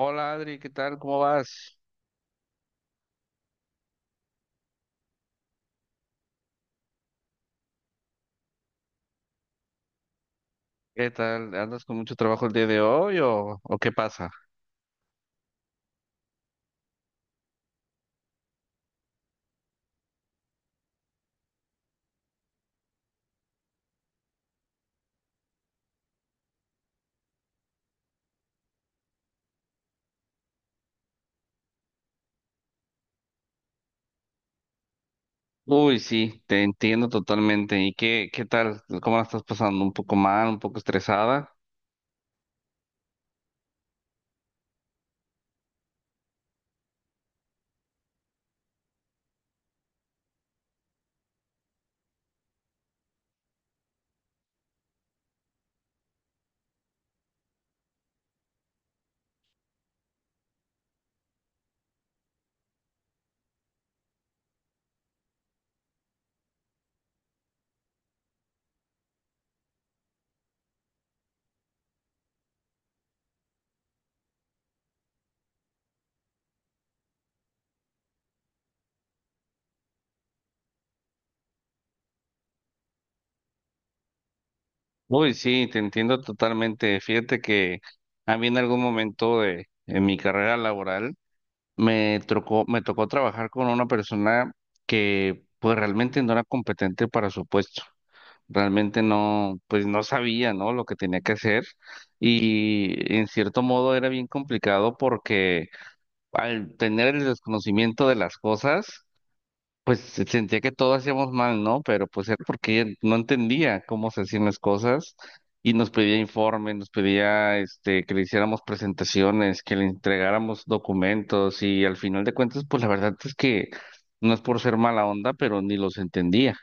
Hola Adri, ¿qué tal? ¿Cómo vas? ¿Qué tal? ¿Andas con mucho trabajo el día de hoy o qué pasa? Uy, sí, te entiendo totalmente. ¿Y qué tal? ¿Cómo la estás pasando? ¿Un poco mal? ¿Un poco estresada? Uy, sí, te entiendo totalmente. Fíjate que a mí en algún momento de en mi carrera laboral me tocó trabajar con una persona que pues realmente no era competente para su puesto. Realmente no, pues no sabía, ¿no? Lo que tenía que hacer y en cierto modo era bien complicado porque al tener el desconocimiento de las cosas, pues sentía que todo hacíamos mal, ¿no? Pero pues era porque ella no entendía cómo se hacían las cosas y nos pedía informes, nos pedía que le hiciéramos presentaciones, que le entregáramos documentos y al final de cuentas, pues la verdad es que no es por ser mala onda, pero ni los entendía.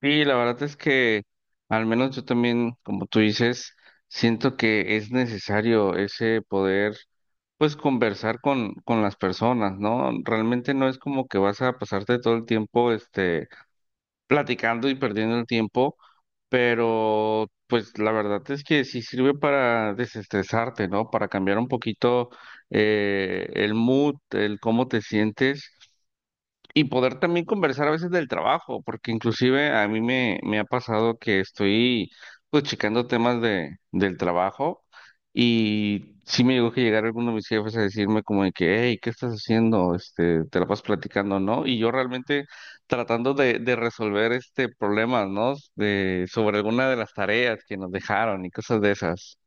Sí, la verdad es que al menos yo también, como tú dices, siento que es necesario ese poder, pues conversar con las personas, ¿no? Realmente no es como que vas a pasarte todo el tiempo, platicando y perdiendo el tiempo, pero pues la verdad es que sí sirve para desestresarte, ¿no? Para cambiar un poquito el mood, el cómo te sientes. Y poder también conversar a veces del trabajo, porque inclusive a mí me ha pasado que estoy pues checando temas del trabajo y sí me llegó que llegar alguno de mis jefes a decirme como de que, hey, ¿qué estás haciendo? Te la vas platicando, ¿no? Y yo realmente tratando de resolver este problema, ¿no? De, sobre alguna de las tareas que nos dejaron y cosas de esas.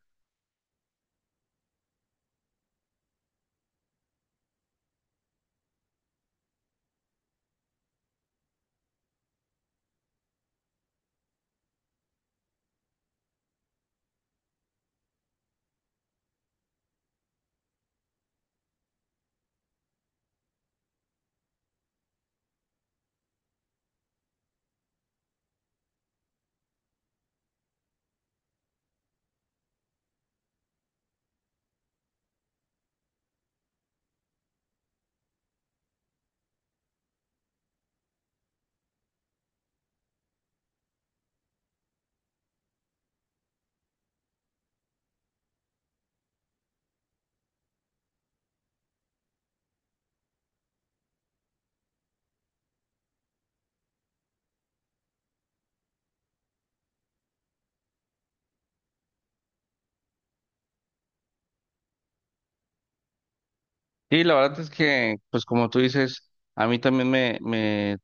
Y la verdad es que, pues como tú dices, a mí también me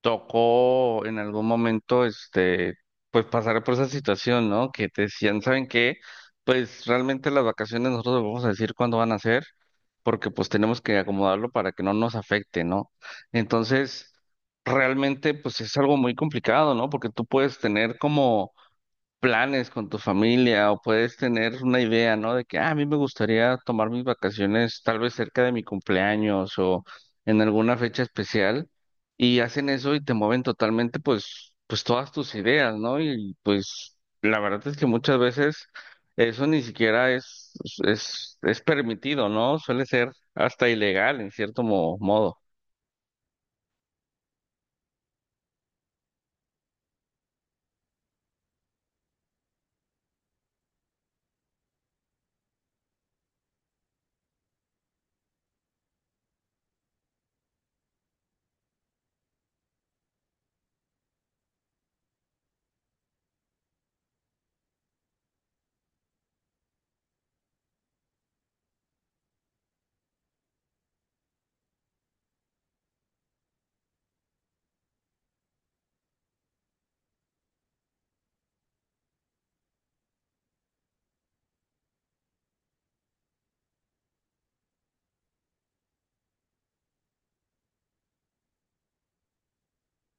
tocó en algún momento, pues pasar por esa situación, ¿no? Que te decían, ¿saben qué? Pues realmente las vacaciones nosotros les vamos a decir cuándo van a ser, porque pues tenemos que acomodarlo para que no nos afecte, ¿no? Entonces, realmente pues es algo muy complicado, ¿no? Porque tú puedes tener como planes con tu familia o puedes tener una idea, ¿no? De que "Ah, a mí me gustaría tomar mis vacaciones tal vez cerca de mi cumpleaños o en alguna fecha especial y hacen eso y te mueven totalmente pues todas tus ideas, ¿no? Y pues la verdad es que muchas veces eso ni siquiera es permitido, ¿no? Suele ser hasta ilegal en cierto modo.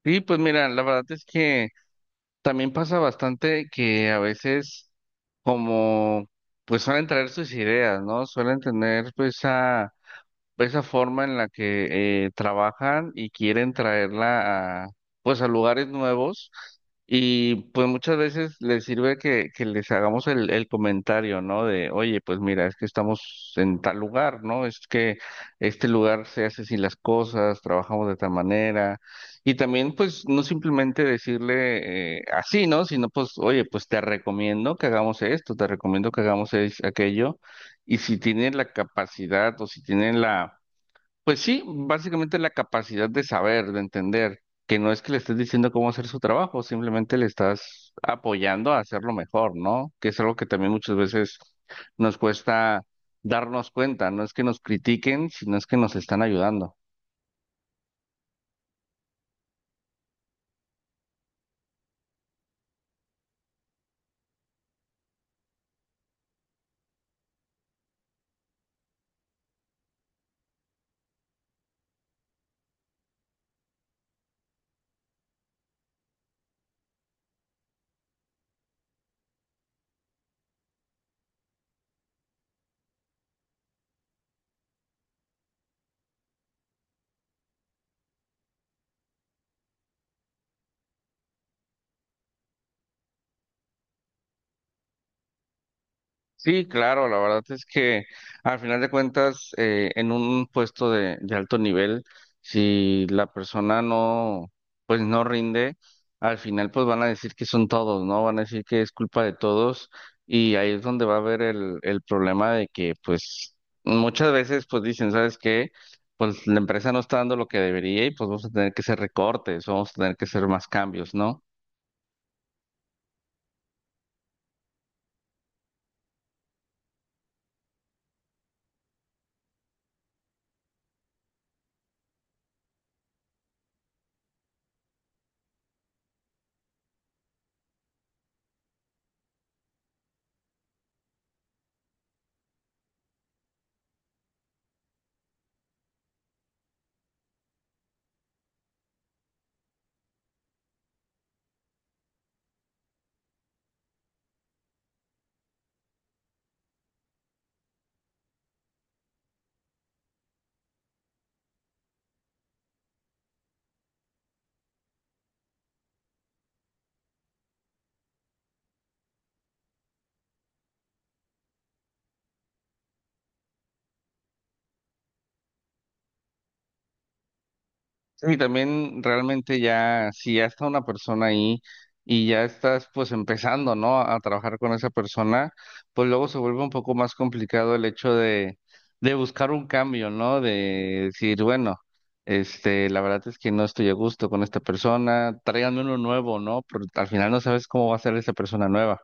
Sí, pues mira, la verdad es que también pasa bastante que a veces como pues suelen traer sus ideas, ¿no? Suelen tener pues a esa forma en la que trabajan y quieren traerla a, pues a lugares nuevos y pues muchas veces les sirve que les hagamos el comentario, ¿no? De, oye, pues mira, es que estamos en tal lugar, ¿no? Es que este lugar se hace así las cosas, trabajamos de tal manera y también pues no simplemente decirle así, ¿no? Sino pues, oye, pues te recomiendo que hagamos esto, te recomiendo que hagamos aquello y si tienen la capacidad o si tienen la pues sí, básicamente la capacidad de saber, de entender, que no es que le estés diciendo cómo hacer su trabajo, simplemente le estás apoyando a hacerlo mejor, ¿no? Que es algo que también muchas veces nos cuesta darnos cuenta, no es que nos critiquen, sino es que nos están ayudando. Sí, claro, la verdad es que al final de cuentas, en un puesto de alto nivel, si la persona no, pues no rinde, al final pues van a decir que son todos, ¿no? Van a decir que es culpa de todos y ahí es donde va a haber el problema de que pues muchas veces pues dicen, ¿sabes qué? Pues la empresa no está dando lo que debería y pues vamos a tener que hacer recortes, vamos a tener que hacer más cambios, ¿no? Sí, también realmente ya, si ya está una persona ahí y ya estás pues empezando, ¿no? A trabajar con esa persona, pues luego se vuelve un poco más complicado el hecho de buscar un cambio, ¿no? De decir, bueno, la verdad es que no estoy a gusto con esta persona, tráiganme uno nuevo, ¿no? Pero al final no sabes cómo va a ser esa persona nueva.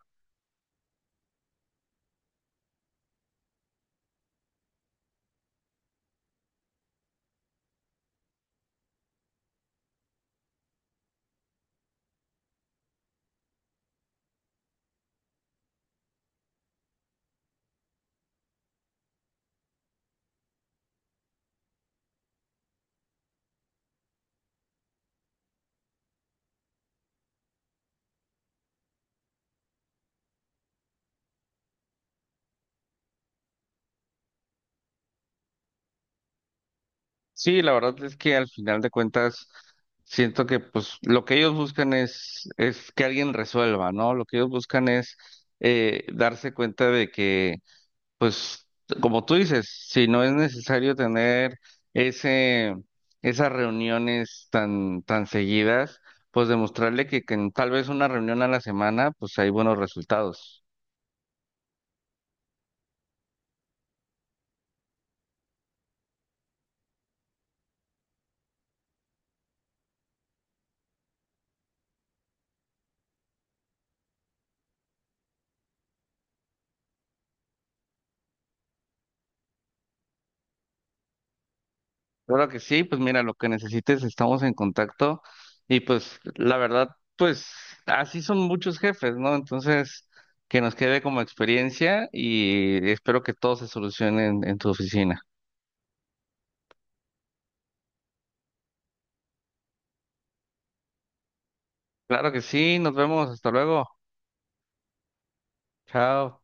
Sí, la verdad es que al final de cuentas siento que pues lo que ellos buscan es que alguien resuelva, ¿no? Lo que ellos buscan es darse cuenta de que pues como tú dices, si no es necesario tener ese, esas reuniones tan seguidas, pues demostrarle que en tal vez una reunión a la semana pues hay buenos resultados. Claro que sí, pues mira, lo que necesites, estamos en contacto y pues la verdad, pues así son muchos jefes, ¿no? Entonces, que nos quede como experiencia y espero que todo se solucione en tu oficina. Claro que sí, nos vemos, hasta luego, chao.